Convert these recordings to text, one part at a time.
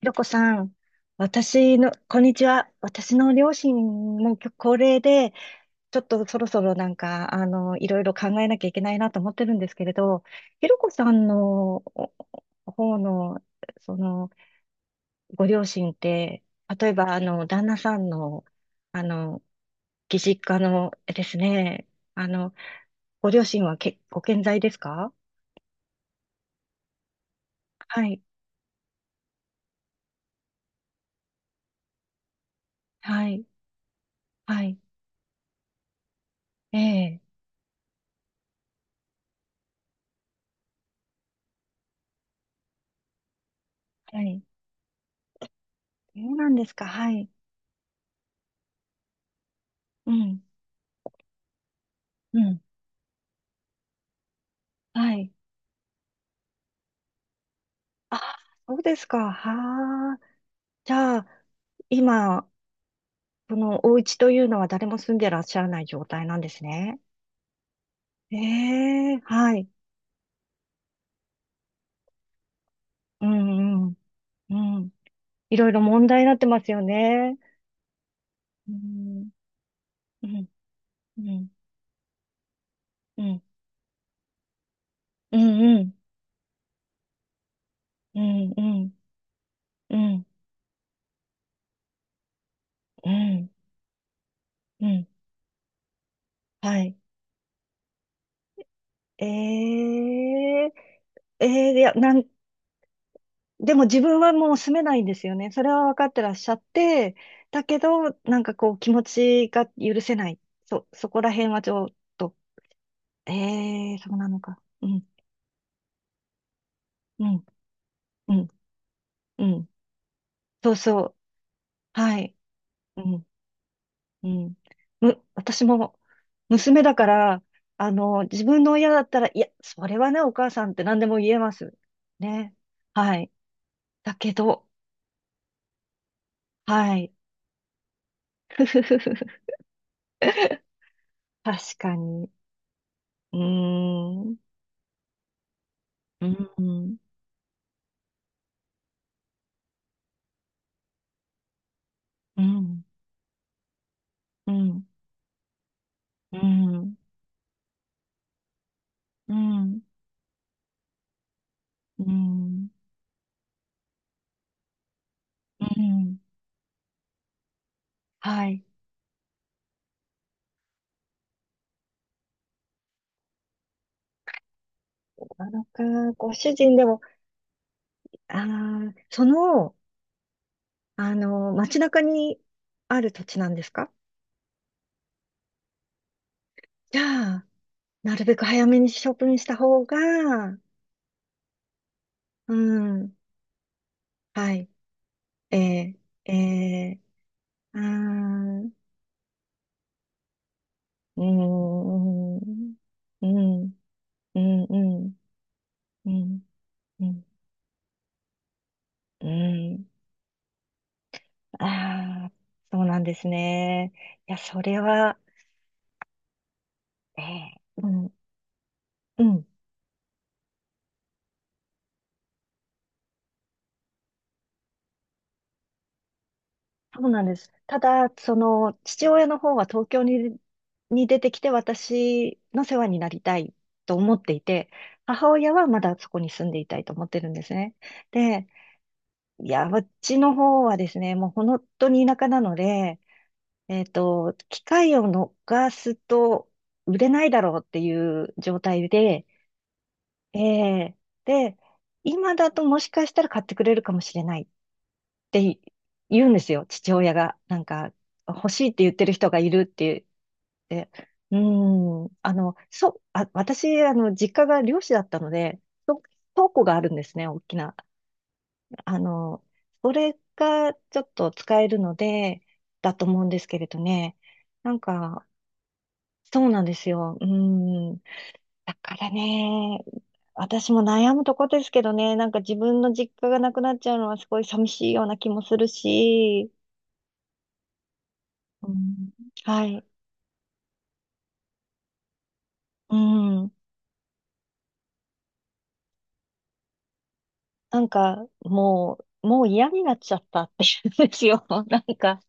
ひろこさん、こんにちは。私の両親も高齢で、ちょっとそろそろいろいろ考えなきゃいけないなと思ってるんですけれど、ひろこさんのお方の、その、ご両親って、例えば、旦那さんの、あの、義実家のですね、あの、ご両親はけ、ご健在ですか？はい、はい、はい、ええ、はい。そうなんですか、はい。うん、うん。はい。あー、そうですか。はあ。じゃあ、今、このお家というのは誰も住んでらっしゃらない状態なんですね。ええ、はい。うんうん。うん。いろいろ問題になってますよね。うん。うん。うん。うん。うん。うん。うん。うん。うん。うん。うんはい。ええ、ええ、でも自分はもう住めないんですよね。それは分かってらっしゃって、だけど、なんかこう気持ちが許せない。そこら辺はちょっと、ええそうなのか。うん、うん、うん、うん。そうそう。はい。うん、うん。私も娘だから、自分の親だったら、いや、それはね、お母さんって何でも言えます。ね。はい。だけど、はい。確かに。うーん。うん、うん、うん、うん、うん、うん、うんはい。なのか、ご主人でも、ああ、その、街中にある土地なんですか？じゃあ、なるべく早めに処分した方が、うん、はい、えー、えー、あー、うーん、うん、うん、うん、うん、うん、うん、うん、ああ、そうなんですね。いや、それは、ええうん、うん、そうなんです。ただ、その、父親の方は東京に、に出てきて私の世話になりたいと思っていて、母親はまだそこに住んでいたいと思ってるんですね。で、いや、うちの方はですね、もう本当に田舎なので、機会を逃すと売れないだろうっていう状態で、ええで、今だともしかしたら買ってくれるかもしれないって言うんですよ、父親が。なんか、欲しいって言ってる人がいるって言って。うーん、私、実家が漁師だったので、と倉庫があるんですね、大きな。あの、それがちょっと使えるので、だと思うんですけれどね。なんか、そうなんですよ。うーん、だからね、私も悩むとこですけどね、なんか自分の実家がなくなっちゃうのはすごい寂しいような気もするし、うん、はい、うん、なんかもう嫌になっちゃったっていうんですよ。なんか、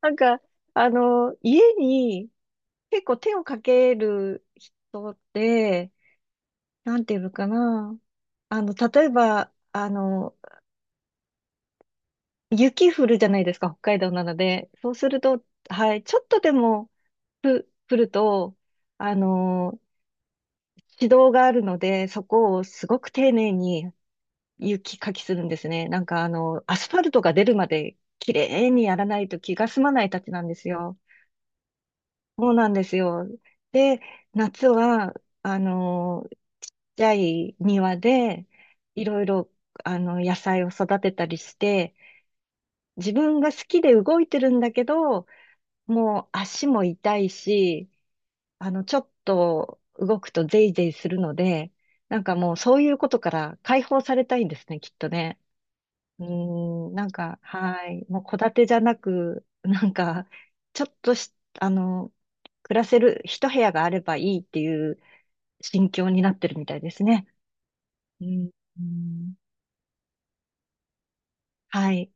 なんか、家に結構手をかける人って、なんていうのかな、例えば、雪降るじゃないですか、北海道なので、そうすると、はい、ちょっとでも、来ると、あの、指導があるので、そこをすごく丁寧に雪かきするんですね。なんかあの、アスファルトが出るまで綺麗にやらないと気が済まないたちなんですよ。そうなんですよ。で、夏は、あの、ちっちゃい庭で、いろいろ、野菜を育てたりして、自分が好きで動いてるんだけど、もう足も痛いし、ちょっと動くとゼイゼイするので、なんかもうそういうことから解放されたいんですね、きっとね。うーん、なんか、はい。もう戸建てじゃなく、なんか、ちょっとし、あの、暮らせる一部屋があればいいっていう心境になってるみたいですね。うん、うんはい。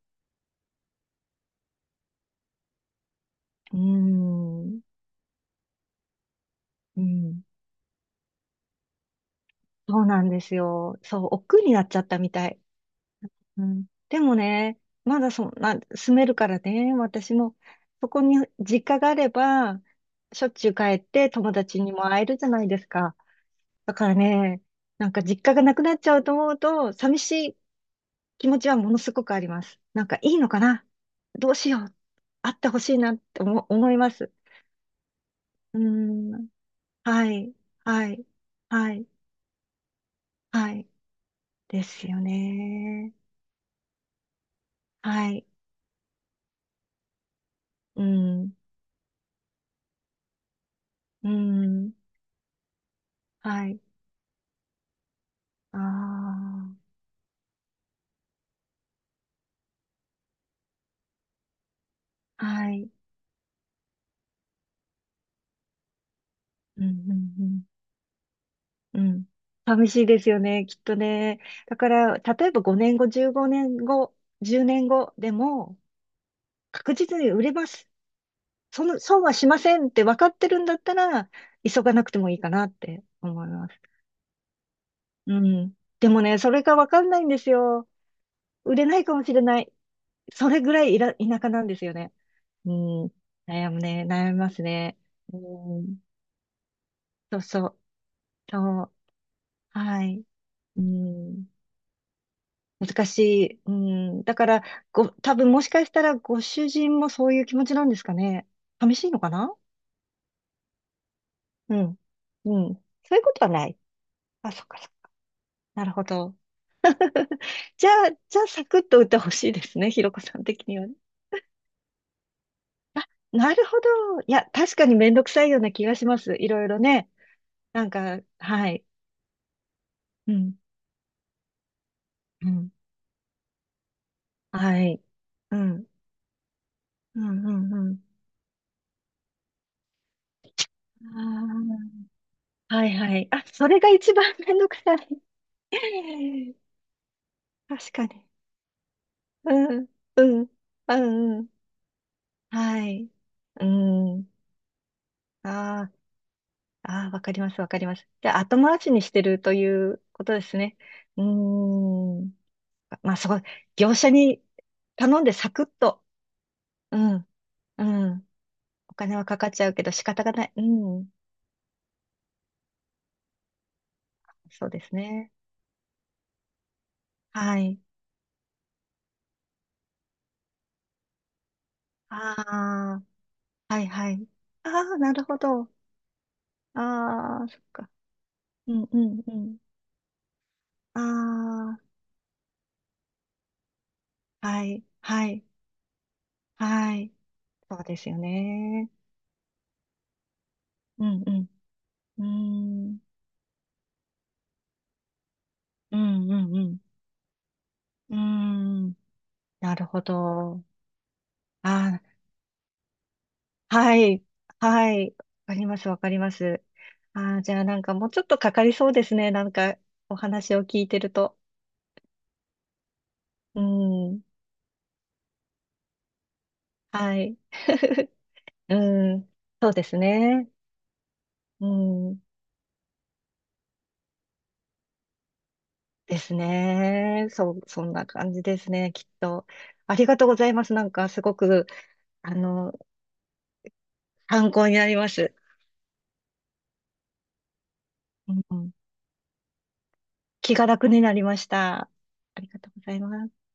うーん、うん。そうなんですよ。そう、億劫になっちゃったみたい。うん、でもね、まだそんな、住めるからね、私も、そこに実家があれば、しょっちゅう帰って友達にも会えるじゃないですか。だからね、なんか実家がなくなっちゃうと思うと、寂しい気持ちはものすごくあります。なんかいいのかな、どうしよう。会ってほしいなって思、思います。うーん。はい。はい。はい。はい。ですよね。はい。うん。うん。はい。ああ。はい。うんうんうん。うん。寂しいですよね、きっとね。だから、例えば5年後、15年後、10年後でも、確実に売れます。その、損はしませんって分かってるんだったら、急がなくてもいいかなって思います。うん。でもね、それが分かんないんですよ。売れないかもしれない。それぐらいいら、田舎なんですよね。うん。悩みますね。うん。そうそう。そう。はい。うん。難しい。うん、だから、多分もしかしたらご主人もそういう気持ちなんですかね。寂しいのかな。うん。うん。そういうことはない。あ、そっかそっか。なるほど。じゃあ、じゃあ、サクッと打ってほしいですね。ひろこさん的にはね。あ、なるほど。いや、確かにめんどくさいような気がします。いろいろね。なんか、はい。うん。うん。はい。うん。うん、うん、うん。あーはいはい。あ、それが一番めんどくさい。確かに。うん、うん、うん、うん。はい。うん。あああ、わかります、わかります。じゃあ、後回しにしてるということですね。うーん。ままあ、そこ、業者に頼んでサクッと。うん、うん。お金はかかっちゃうけど仕方がない。うん。そうですね。はい。ああ、はい、はい。ああ、なるほど。ああ、そっか。うん、うん、うん。ああ、はい、はい、はい。そうですよね。うんうん。うーん。うんうんうん。うーん。なるほど。あー、はい。はい。わかります、わかります。あー、じゃあなんかもうちょっとかかりそうですね。なんかお話を聞いてると。うん。はい。うん。そうですね。うん。ですね。そう、そんな感じですね。きっと。ありがとうございます。なんかすごく、あの、参考になります。うん、気が楽になりました。ありがとうございます。